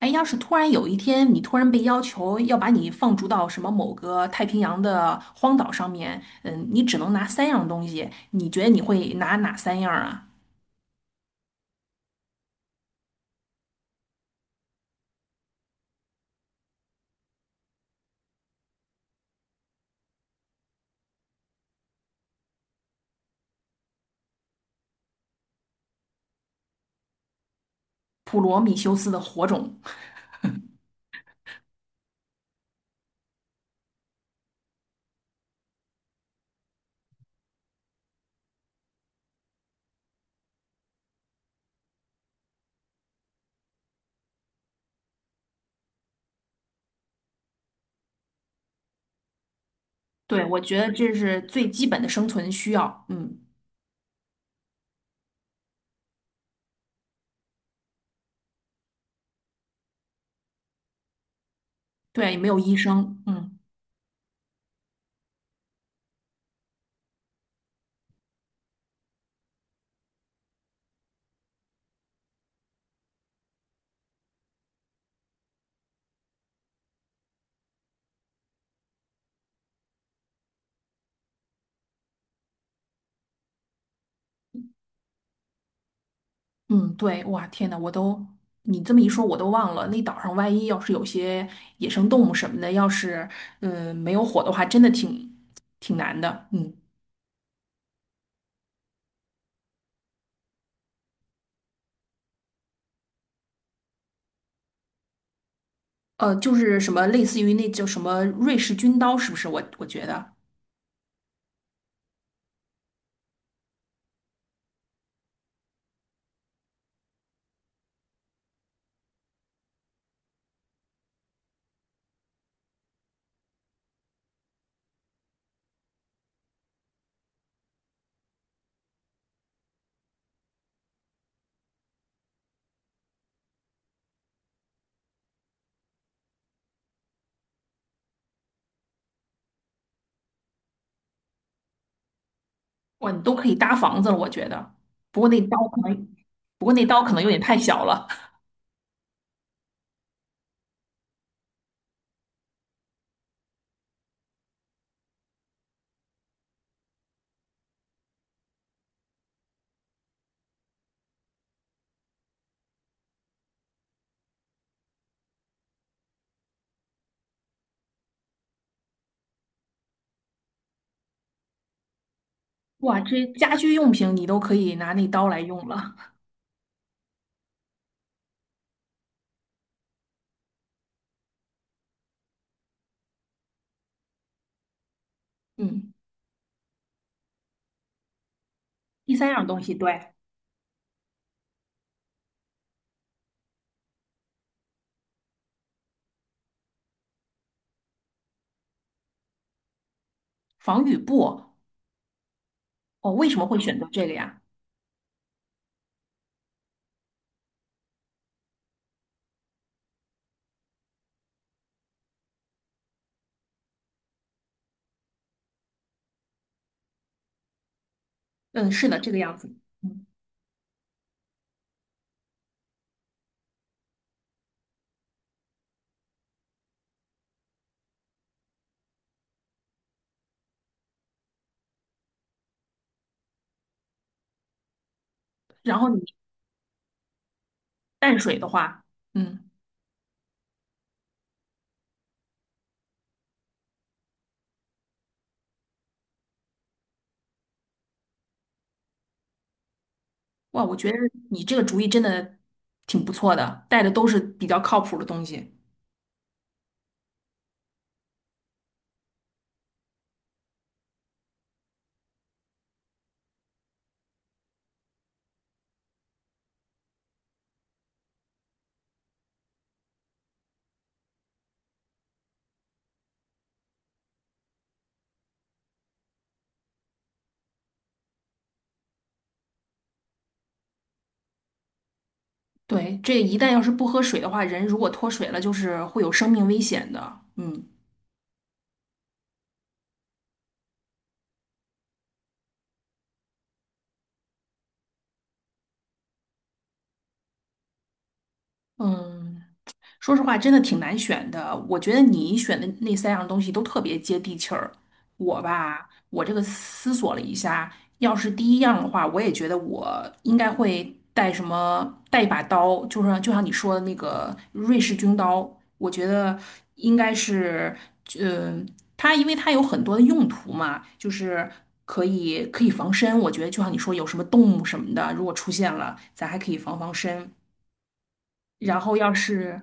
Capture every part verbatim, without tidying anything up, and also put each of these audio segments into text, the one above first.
哎，要是突然有一天你突然被要求要把你放逐到什么某个太平洋的荒岛上面，嗯，你只能拿三样东西，你觉得你会拿哪三样啊？普罗米修斯的火种。对，我觉得这是最基本的生存需要。嗯，对，没有医生。嗯嗯，对。哇，天呐，我都你这么一说，我都忘了，那岛上万一要是有些野生动物什么的，要是嗯没有火的话，真的挺挺难的。嗯。呃，就是什么类似于那叫什么瑞士军刀，是不是？我我觉得，哇，你都可以搭房子了，我觉得。不过那刀可能，不过那刀可能有点太小了。哇，这家居用品你都可以拿那刀来用了。嗯，第三样东西，对。防雨布。哦，为什么会选择这个呀？嗯，是的，这个样子。嗯，然后你淡水的话，嗯。哇，我觉得你这个主意真的挺不错的，带的都是比较靠谱的东西。对，这一旦要是不喝水的话，人如果脱水了，就是会有生命危险的。嗯。嗯。说实话，真的挺难选的。我觉得你选的那三样东西都特别接地气儿。我吧，我这个思索了一下，要是第一样的话，我也觉得我应该会带什么，带一把刀，就是就像你说的那个瑞士军刀，我觉得应该是，嗯、它因为它有很多的用途嘛，就是可以可以防身。我觉得就像你说，有什么动物什么的，如果出现了，咱还可以防防身。然后要是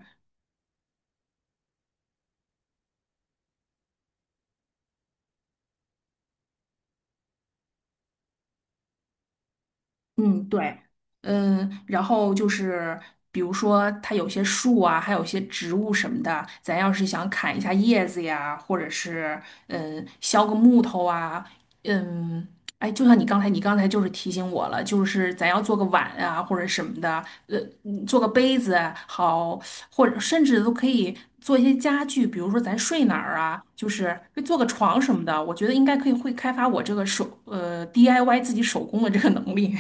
嗯，对。嗯，然后就是比如说它有些树啊，还有些植物什么的，咱要是想砍一下叶子呀，或者是嗯削个木头啊，嗯，哎，就像你刚才，你刚才就是提醒我了，就是咱要做个碗啊或者什么的，呃，嗯做个杯子好，或者甚至都可以做一些家具，比如说咱睡哪儿啊，就是做个床什么的，我觉得应该可以会开发我这个手呃 D I Y 自己手工的这个能力。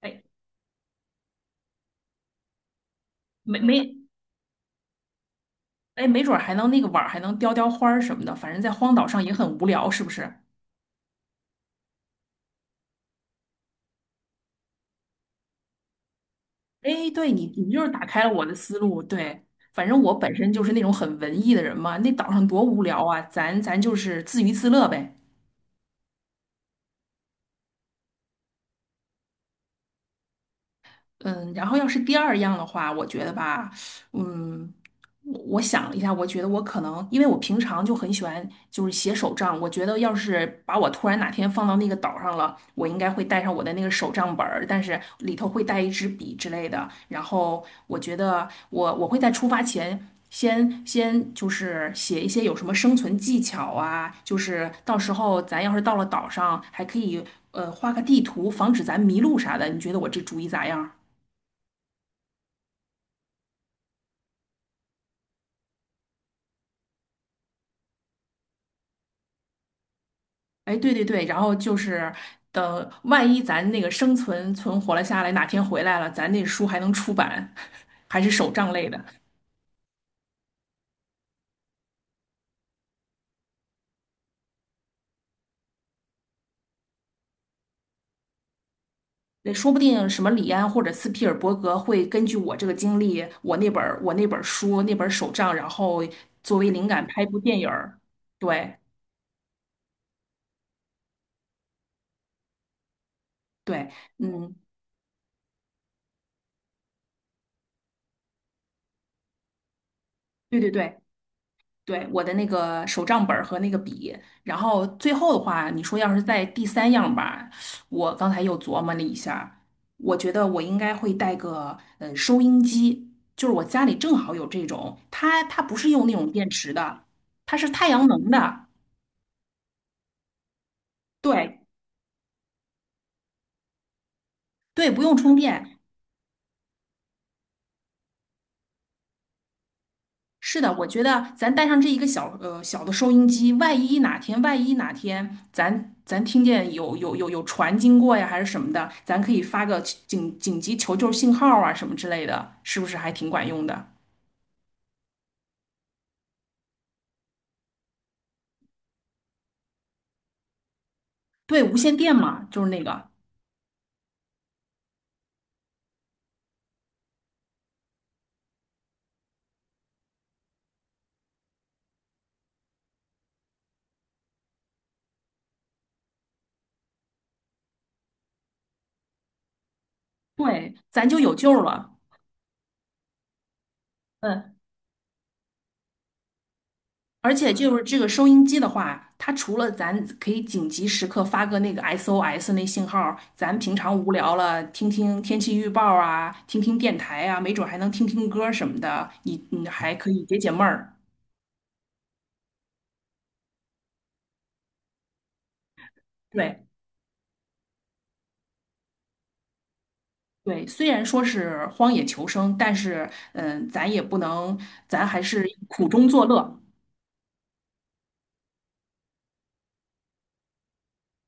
哎，没没，哎，没准儿还能那个碗儿还能雕雕花儿什么的，反正在荒岛上也很无聊，是不是？哎，对你，你就是打开了我的思路。对，反正我本身就是那种很文艺的人嘛，那岛上多无聊啊，咱咱就是自娱自乐呗。嗯，然后要是第二样的话，我觉得吧，嗯，我我想了一下，我觉得我可能，因为我平常就很喜欢就是写手账，我觉得要是把我突然哪天放到那个岛上了，我应该会带上我的那个手账本儿，但是里头会带一支笔之类的。然后我觉得我我会在出发前先先就是写一些有什么生存技巧啊，就是到时候咱要是到了岛上，还可以呃画个地图，防止咱迷路啥的。你觉得我这主意咋样？哎，对对对，然后就是等万一咱那个生存存活了下来，哪天回来了，咱那书还能出版，还是手账类的。对说不定什么李安或者斯皮尔伯格会根据我这个经历，我那本儿我那本儿书那本儿手账，然后作为灵感拍部电影儿。对对。嗯，对对对。对，我的那个手账本儿和那个笔，然后最后的话，你说要是在第三样吧，我刚才又琢磨了一下儿我觉得我应该会带个呃收音机，就是我家里正好有这种，它它不是用那种电池的，它是太阳能的，对对，不用充电，是的，我觉得咱带上这一个小呃小的收音机，万一哪天万一哪天咱咱听见有有有有船经过呀，还是什么的，咱可以发个紧紧急求救信号啊什么之类的，是不是还挺管用的？对，无线电嘛，就是那个，对，咱就有救了。嗯。而且就是这个收音机的话，它除了咱可以紧急时刻发个那个 S O S 那信号，咱平常无聊了听听天气预报啊，听听电台啊，没准还能听听歌什么的，你你还可以解解闷儿。对对，虽然说是荒野求生，但是嗯，咱也不能，咱还是苦中作乐。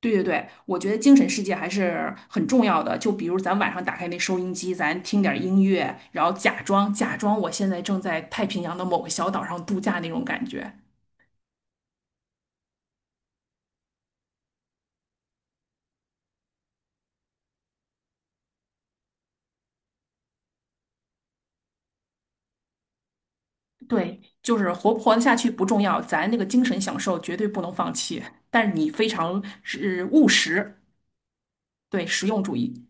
对对对，我觉得精神世界还是很重要的。就比如咱晚上打开那收音机，咱听点儿音乐，然后假装假装我现在正在太平洋的某个小岛上度假那种感觉。对，就是活不活得下去不重要，咱那个精神享受绝对不能放弃。但是你非常是务实，对，实用主义。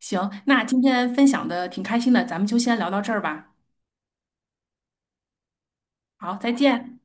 行，那今天分享的挺开心的，咱们就先聊到这儿吧。好，再见。